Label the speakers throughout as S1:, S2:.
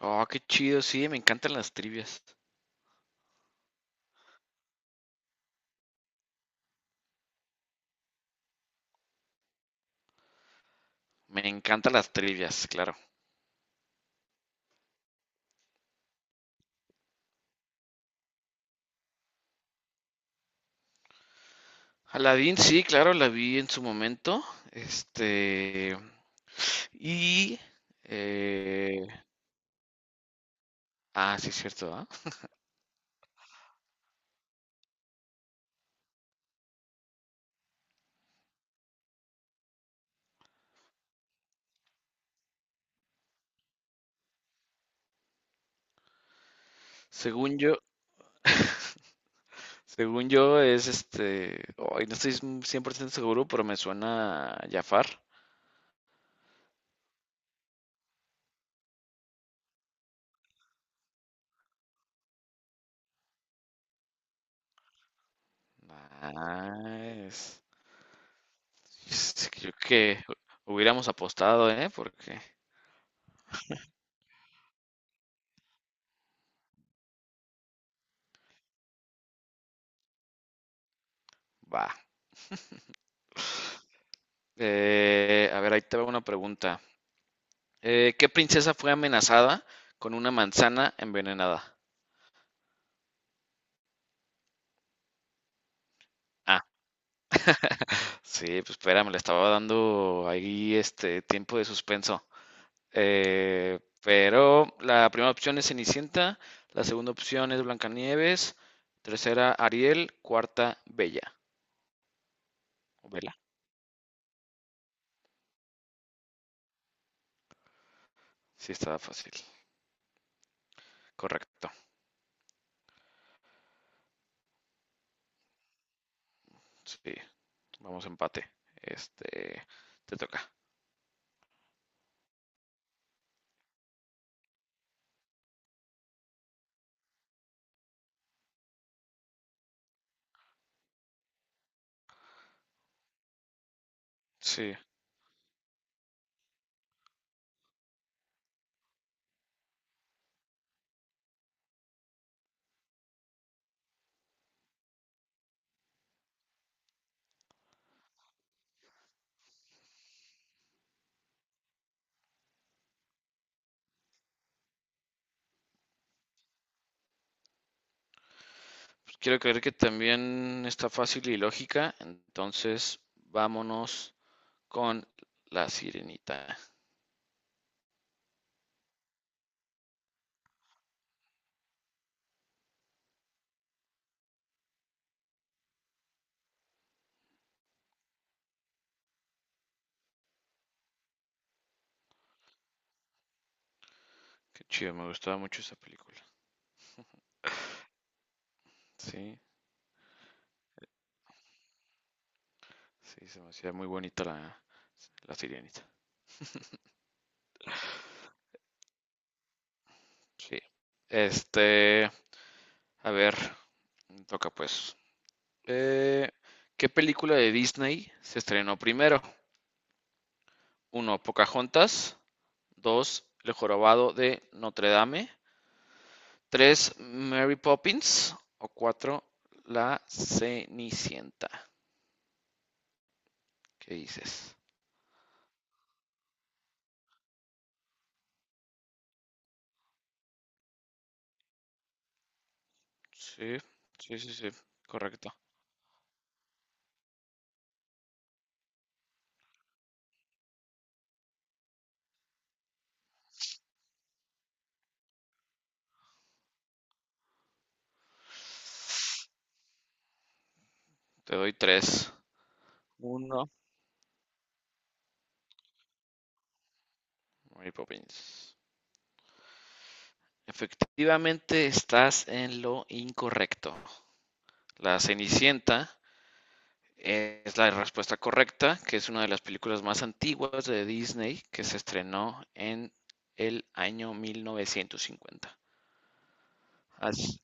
S1: Oh, qué chido, sí, me encantan las trivias. Me encantan las trivias, claro. Aladdin, sí, claro, la vi en su momento. Este. Y. eh, ah, sí, es cierto, ¿ah? Según yo. Según yo, es este. Hoy no estoy 100% seguro, pero me suena Jafar. Nice. Sí, creo que hubiéramos apostado, ¿eh? Porque. Va. A ver, ahí te va una pregunta. ¿Qué princesa fue amenazada con una manzana envenenada? Ah, sí, pues espérame, le estaba dando ahí este tiempo de suspenso. Pero la primera opción es Cenicienta, la segunda opción es Blancanieves, tercera Ariel, cuarta Bella. O Bella. Sí, estaba fácil. Correcto. Sí, vamos empate. Este, te toca. Sí, pues quiero creer que también está fácil y lógica, entonces vámonos con La Sirenita. Qué chido, me gustaba mucho esa película. Sí, sí, se me hacía muy bonita la Sirenita. Sí. Este, a ver, me toca pues. Eh, ¿qué película de Disney se estrenó primero? Uno, Pocahontas. Dos, El Jorobado de Notre Dame. Tres, Mary Poppins. O cuatro, La Cenicienta. ¿Qué dices? Sí, sí, sí, sí, correcto. Te doy tres. Uno. Mary Poppins. Efectivamente, estás en lo incorrecto. La Cenicienta es la respuesta correcta, que es una de las películas más antiguas de Disney que se estrenó en el año 1950. As-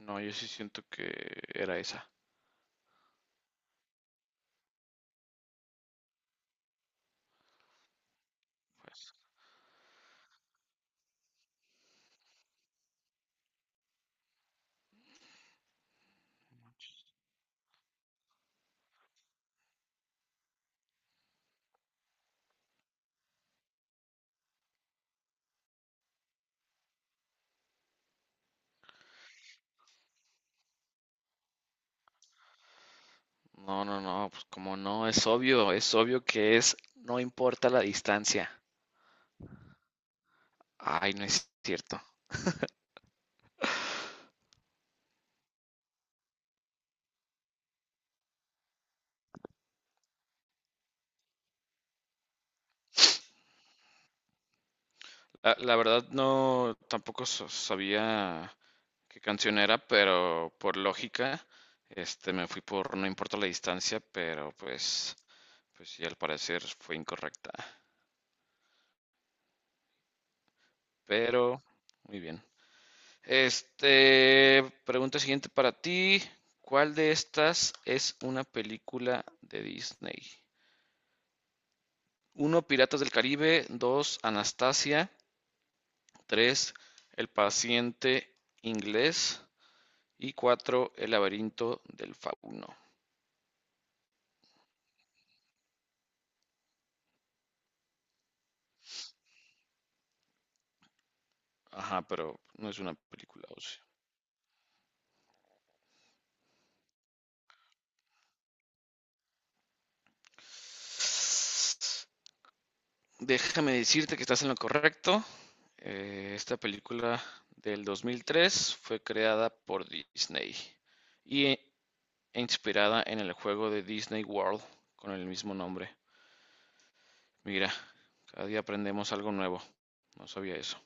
S1: no, yo sí siento que era esa. Pues. No, no, no, pues como no, es obvio que es, no importa la distancia. Ay, no es cierto. La verdad no, tampoco sabía qué canción era, pero por lógica, me fui por No importa la distancia, pero pues sí, al parecer fue incorrecta. Pero, muy bien. Pregunta siguiente para ti. ¿Cuál de estas es una película de Disney? Uno, Piratas del Caribe. Dos, Anastasia. Tres, El paciente inglés. Y cuatro, El laberinto del fauno. Ajá, pero no es una película, o sea. Déjame decirte que estás en lo correcto. Esta película del 2003 fue creada por Disney y e e inspirada en el juego de Disney World con el mismo nombre. Mira, cada día aprendemos algo nuevo. No sabía eso.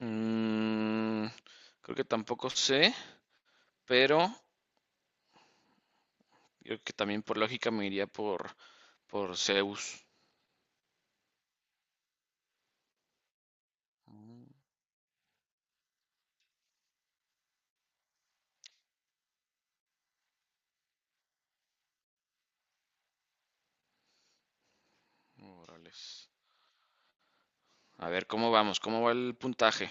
S1: Mm, creo que tampoco sé, pero yo creo que también por lógica me iría por Zeus. Mm, A ver, ¿cómo vamos? ¿Cómo va el puntaje?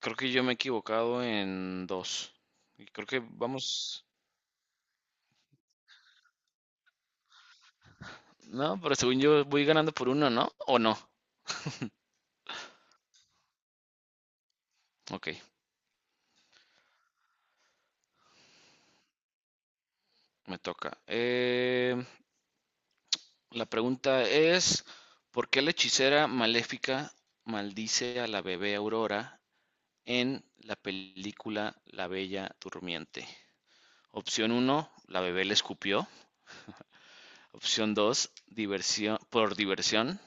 S1: Creo que yo me he equivocado en dos. Y creo que vamos. No, pero según yo voy ganando por uno, ¿no? ¿O no? Ok, me toca. La pregunta es, ¿por qué la hechicera maléfica maldice a la bebé Aurora en la película La Bella Durmiente? Opción uno: la bebé le escupió. Opción 2: diversión, por diversión.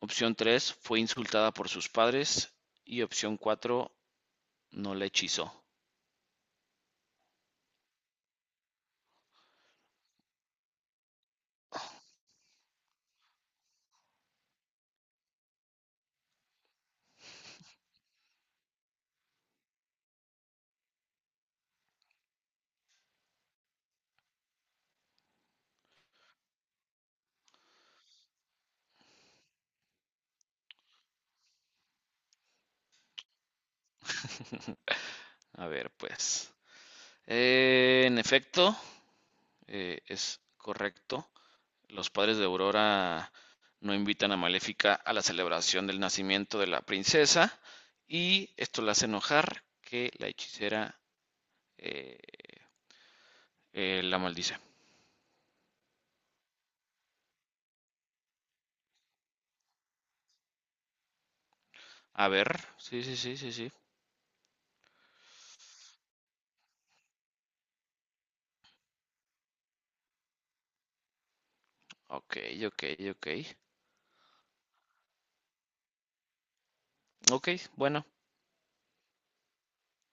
S1: Opción tres, fue insultada por sus padres. Y opción cuatro, no la hechizó. A ver, pues. En efecto, es correcto. Los padres de Aurora no invitan a Maléfica a la celebración del nacimiento de la princesa. Y esto la hace enojar que la hechicera eh, la maldice. A ver, sí, sí, sí, sí, sí. Ok, ok, ok. Ok, bueno,